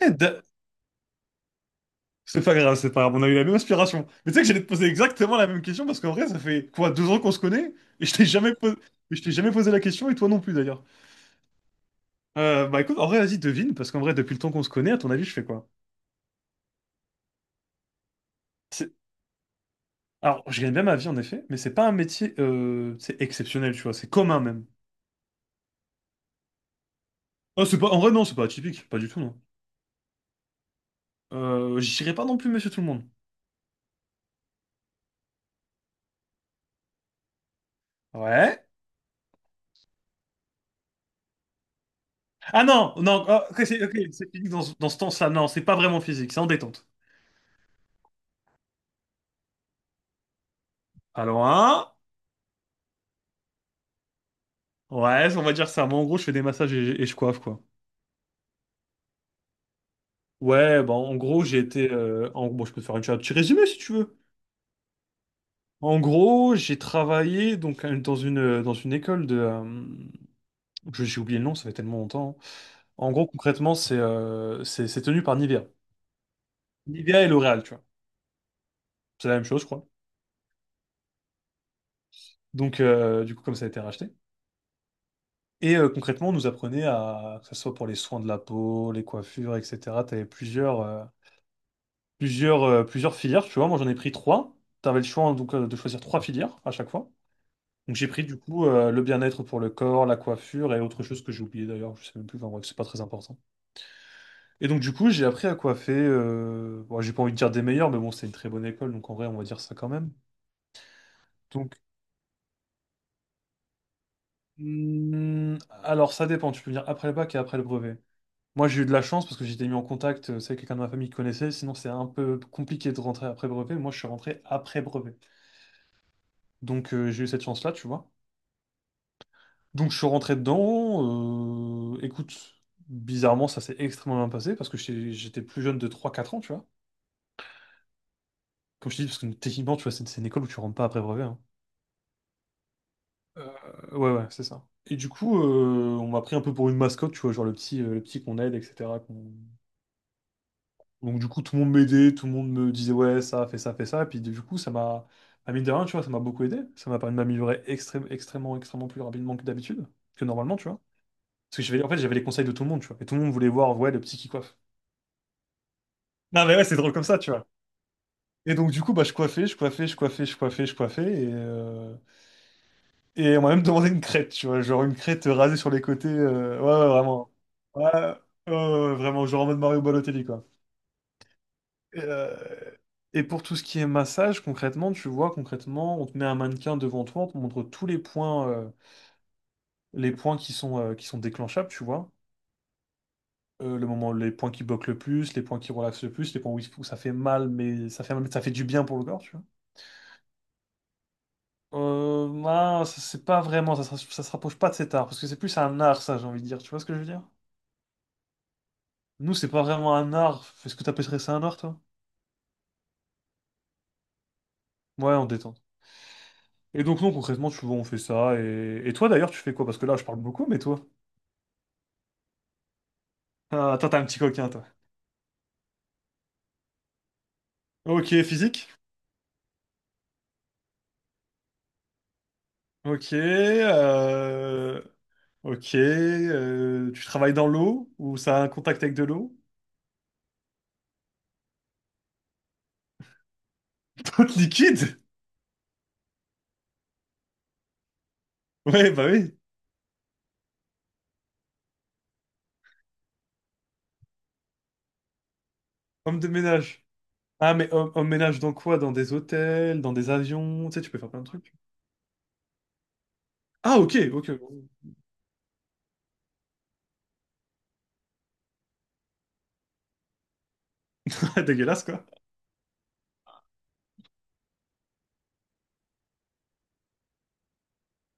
Eh, da- c'est pas grave, on a eu la même inspiration. Mais tu sais que j'allais te poser exactement la même question parce qu'en vrai, ça fait quoi, 2 ans qu'on se connaît et je t'ai jamais posé, et je t'ai jamais posé la question et toi non plus d'ailleurs. Bah écoute, en vrai, vas-y, devine parce qu'en vrai, depuis le temps qu'on se connaît, à ton avis, je fais quoi? C'est- Alors, je gagne bien ma vie en effet, mais c'est pas un métier, c'est exceptionnel, tu vois, c'est commun même. Oh, c'est pas, en vrai, non, c'est pas atypique, pas du tout, non. J'irai pas non plus, monsieur tout le monde. Ouais. Ah non, non, oh, ok, c'est physique dans ce temps-là, non, c'est pas vraiment physique, c'est en détente. Allons, hein? Ouais, on va dire ça. Moi, en gros, je fais des massages et je coiffe, quoi. Ouais, bah, en gros, bon, je peux te faire un petit résumé si tu veux. En gros, j'ai travaillé donc, dans une école de. J'ai oublié le nom, ça fait tellement longtemps, hein. En gros, concrètement, c'est tenu par Nivea. Nivea et L'Oréal, tu vois. C'est la même chose, je crois. Donc, du coup, comme ça a été racheté. Et concrètement, on nous apprenait à, que ce soit pour les soins de la peau, les coiffures, etc. Tu avais plusieurs filières, tu vois. Moi, j'en ai pris trois. Tu avais le choix donc, de choisir trois filières à chaque fois. Donc, j'ai pris du coup, le bien-être pour le corps, la coiffure et autre chose que j'ai oublié d'ailleurs, je sais même plus, enfin bref, c'est pas très important. Et donc, du coup, j'ai appris à coiffer. Bon, j'ai pas envie de dire des meilleurs, mais bon, c'est une très bonne école, donc en vrai, on va dire ça quand même. Donc, hmm, alors ça dépend, tu peux venir après le bac et après le brevet. Moi, j'ai eu de la chance parce que j'étais mis en contact, c'est avec quelqu'un de ma famille qui connaissait, sinon c'est un peu compliqué de rentrer après brevet. Moi, je suis rentré après brevet. Donc, j'ai eu cette chance-là, tu vois. Donc je suis rentré dedans. Écoute, bizarrement, ça s'est extrêmement bien passé parce que j'étais plus jeune de 3 4 ans, tu vois. Comme je te dis, parce que techniquement, tu vois, c'est une école où tu rentres pas après brevet, hein. Euh, ouais, ouais, c'est ça. Et du coup, on m'a pris un peu pour une mascotte, tu vois, genre le petit qu'on aide, etc. qu'on- Donc du coup, tout le monde m'aidait, tout le monde me disait, ouais, ça, fais ça, fais ça. Et puis du coup, à mine de rien, tu vois, ça m'a beaucoup aidé. Ça m'a permis de m'améliorer extrêmement plus rapidement que d'habitude, que normalement, tu vois. Parce que j'avais, en fait, j'avais les conseils de tout le monde, tu vois. Et tout le monde voulait voir, ouais, le petit qui coiffe. Non, mais ouais, c'est drôle comme ça, tu vois. Et donc, du coup, bah, je coiffais, je coiffais, je coiffais, je coiffais, je coiffais. Et on m'a même demandé une crête, tu vois. Genre une crête rasée sur les côtés. Ouais, ouais, vraiment. Ouais, ouais, ouais, vraiment, genre en mode Mario Balotelli, quoi. Et, euh, et pour tout ce qui est massage, concrètement, tu vois, concrètement, on te met un mannequin devant toi, on te montre tous les points, les points qui sont déclenchables, tu vois. Le moment, les points qui bloquent le plus, les points qui relaxent le plus, les points où ça fait mal, mais ça fait du bien pour le corps, tu vois. Non, c'est pas vraiment, ça, ça se rapproche pas de cet art, parce que c'est plus un art, ça, j'ai envie de dire. Tu vois ce que je veux dire? Nous, c'est pas vraiment un art. Est-ce que t'appellerais ça un art, toi? Ouais, on détend. Et donc, non, concrètement, tu vois, on fait ça. Et toi, d'ailleurs, tu fais quoi? Parce que là, je parle beaucoup, mais toi? Ah, toi, t'es un petit coquin, toi. Ok, physique? Ok. Ok, tu travailles dans l'eau? Ou ça a un contact avec de l'eau? toute liquide? Ouais, bah oui, homme de ménage. Ah, mais emménage dans quoi? Dans des hôtels, dans des avions, tu sais, tu peux faire plein de trucs. Ah, ok, ok. Dégueulasse, quoi.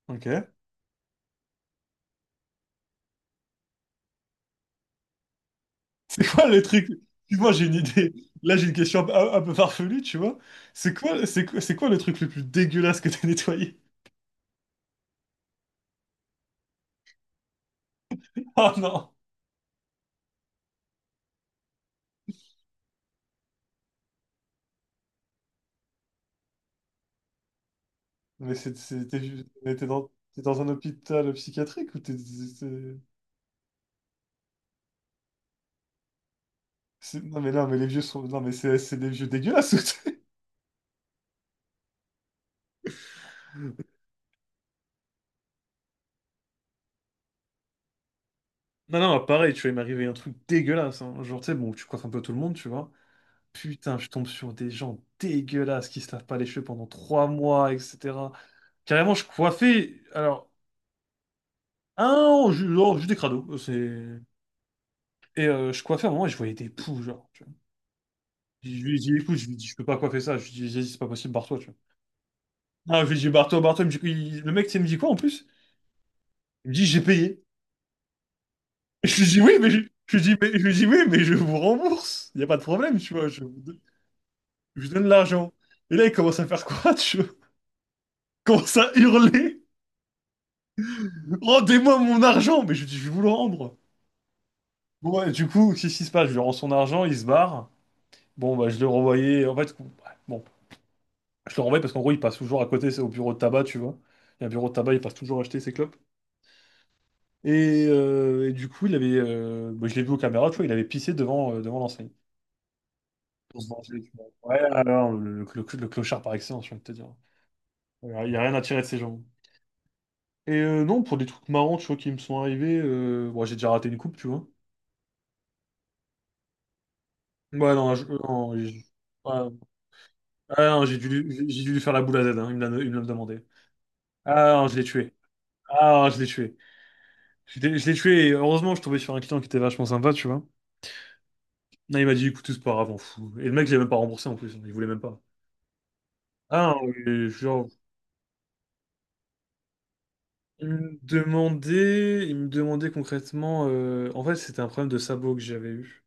Ok. C'est quoi le truc? Excuse-moi, j'ai une idée. Là, j'ai une question un peu farfelue, tu vois. C'est quoi le truc le plus dégueulasse que t'as nettoyé? Ah non! Mais mais t'es dans un hôpital psychiatrique ou t'es... Non, mais là, mais les vieux sont... Non, mais c'est des vieux dégueulasses. Non, non, pareil, tu vois, il m'est arrivé un truc dégueulasse, hein. Genre, tu sais, bon, tu coiffes un peu tout le monde, tu vois. Putain, je tombe sur des gens dégueulasses qui se lavent pas les cheveux pendant 3 mois, etc. Carrément, je coiffais. Alors, un oh, juste des crados. C'est... Et je coiffais à un moment et je voyais des poux, genre, tu vois. Je lui ai dit, écoute, je lui ai dit, je peux pas coiffer ça. Je lui ai dit, c'est pas possible, barre-toi, tu vois. Ah, je lui ai dit, barre-toi, barre-toi. Il me dit- il- Le mec, tu sais, il me dit quoi en plus? Il me dit, j'ai payé. Et je lui ai dit, oui, mais je lui ai dit, mais, je lui ai dit, oui, mais je vous rembourse. Il n'y a pas de problème, tu vois. Je vous donne l'argent. Et là, il commence à faire quoi, tu vois? Il commence à hurler. Rendez-moi mon argent! Mais je lui dis, je vais vous le rendre. Bon, ouais, du coup, qu'est-ce qui se passe? Je lui rends son argent, il se barre. Bon, bah, je le renvoyais. En fait, bon, je le renvoyais parce qu'en gros, il passe toujours à côté, c'est au bureau de tabac, tu vois. Il y a un bureau de tabac, il passe toujours acheter ses clopes. Et du coup, il avait, bah, je l'ai vu aux caméras, tu vois, il avait pissé devant l'enseigne. Pour se venger, tu vois. Ouais, alors, le clochard par excellence, je viens de te dire. Alors, il n'y a rien à tirer de ces gens. Et non, pour des trucs marrants, tu vois, qui me sont arrivés, bon, j'ai déjà raté une coupe, tu vois. Ouais, non, non, ouais. Ah ouais, non, j'ai dû lui faire la boule à Z, hein, il me l'a demandé. Ah non, je l'ai tué. Ah non, je l'ai tué. Je l'ai tué et heureusement, je tombais sur un client qui était vachement sympa, tu vois. Non, il m'a dit, écoute, c'est pas grave, on fout. Et le mec, il avait même pas remboursé en plus, il voulait même pas. Ah non, et genre, il me demandait concrètement. En fait, c'était un problème de sabot que j'avais eu.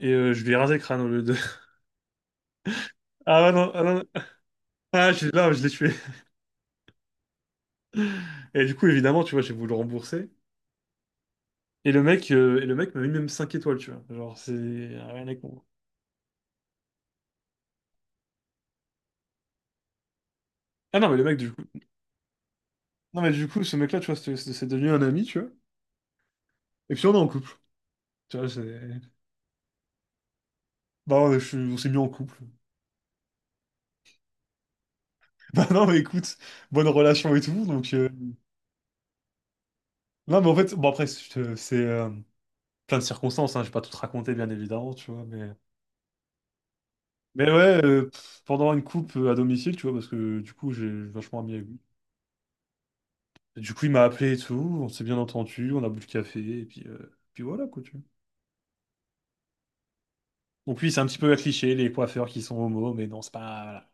Et je lui ai rasé le crâne au lieu de. Ah ouais, non, ah, non, là, je l'ai tué. Et du coup, évidemment, tu vois, j'ai voulu le rembourser. Et le mec m'a mis même 5 étoiles, tu vois. Genre, c'est rien à con. Ah non, mais le mec, du coup. Non, mais du coup, ce mec-là, tu vois, c'est devenu un ami, tu vois. Et puis on est en couple. Tu vois, c'est. Bah, on s'est mis en couple. Bah non, mais écoute, bonne relation et tout. Donc. Non, mais en fait, bon, après, c'est plein de circonstances, hein, je vais pas tout te raconter, bien évidemment, tu vois. Mais, ouais, pendant une coupe, à domicile, tu vois, parce que du coup, j'ai vachement ami avec lui. Et du coup, il m'a appelé et tout, on s'est bien entendu, on a bu le café, et puis voilà, quoi, tu vois. Donc oui, c'est un petit peu un cliché, les coiffeurs qui sont homo, mais non, c'est pas, voilà.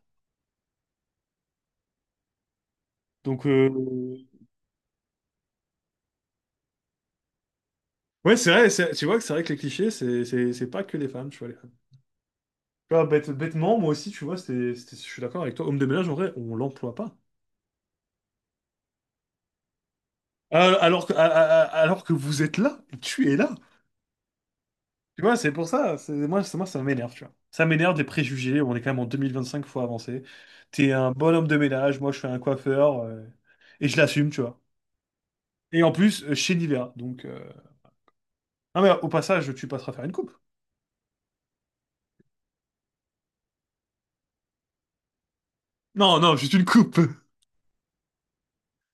Donc. Ouais, c'est vrai, tu vois que c'est vrai que les clichés, c'est pas que les femmes, tu vois. Les femmes. Tu vois, bêtement, moi aussi, tu vois, je suis d'accord avec toi. Homme de ménage, en vrai, on l'emploie pas. Alors que, a- a- a- alors que vous êtes là, tu es là. Tu vois, c'est pour ça, moi, ça m'énerve, tu vois. Ça m'énerve des préjugés, on est quand même en 2025, faut avancer. T'es un bon homme de ménage, moi je suis un coiffeur, et je l'assume, tu vois. Et en plus, chez Nivea, donc... Ah mais au passage, tu passeras faire une coupe. Non, non, juste une coupe.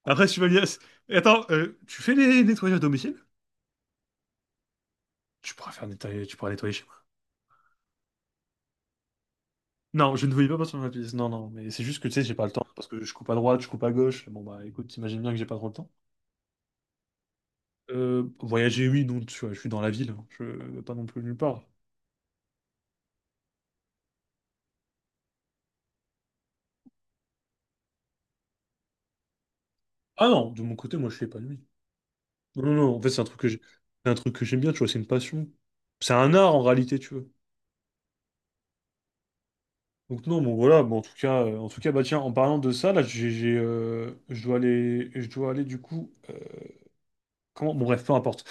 Après, tu vas bien... Attends, tu fais les nettoyages à domicile? Tu pourras nettoyer chez moi. Non, je ne voulais pas passer sur ma pièce. Non, non, mais c'est juste que tu sais, j'ai pas le temps. Parce que je coupe à droite, je coupe à gauche. Bon, bah écoute, t'imagines bien que j'ai pas trop le temps. Voyager, oui, non, tu vois, je suis dans la ville, hein. Je vais pas non plus nulle part. Ah non, de mon côté, moi, je fais pas de nuit. Non, non, non, en fait, c'est un truc que j'aime bien, tu vois, c'est une passion. C'est un art en réalité, tu vois. Donc non, bon voilà, bon, en tout cas, bah tiens, en parlant de ça, là, je dois aller du coup, comment, bon bref, peu importe,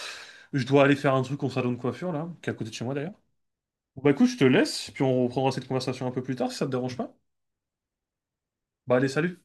je dois aller faire un truc au salon de coiffure là, qui est à côté de chez moi d'ailleurs. Bon, bah écoute, je te laisse, puis on reprendra cette conversation un peu plus tard si ça te dérange pas. Bah allez, salut!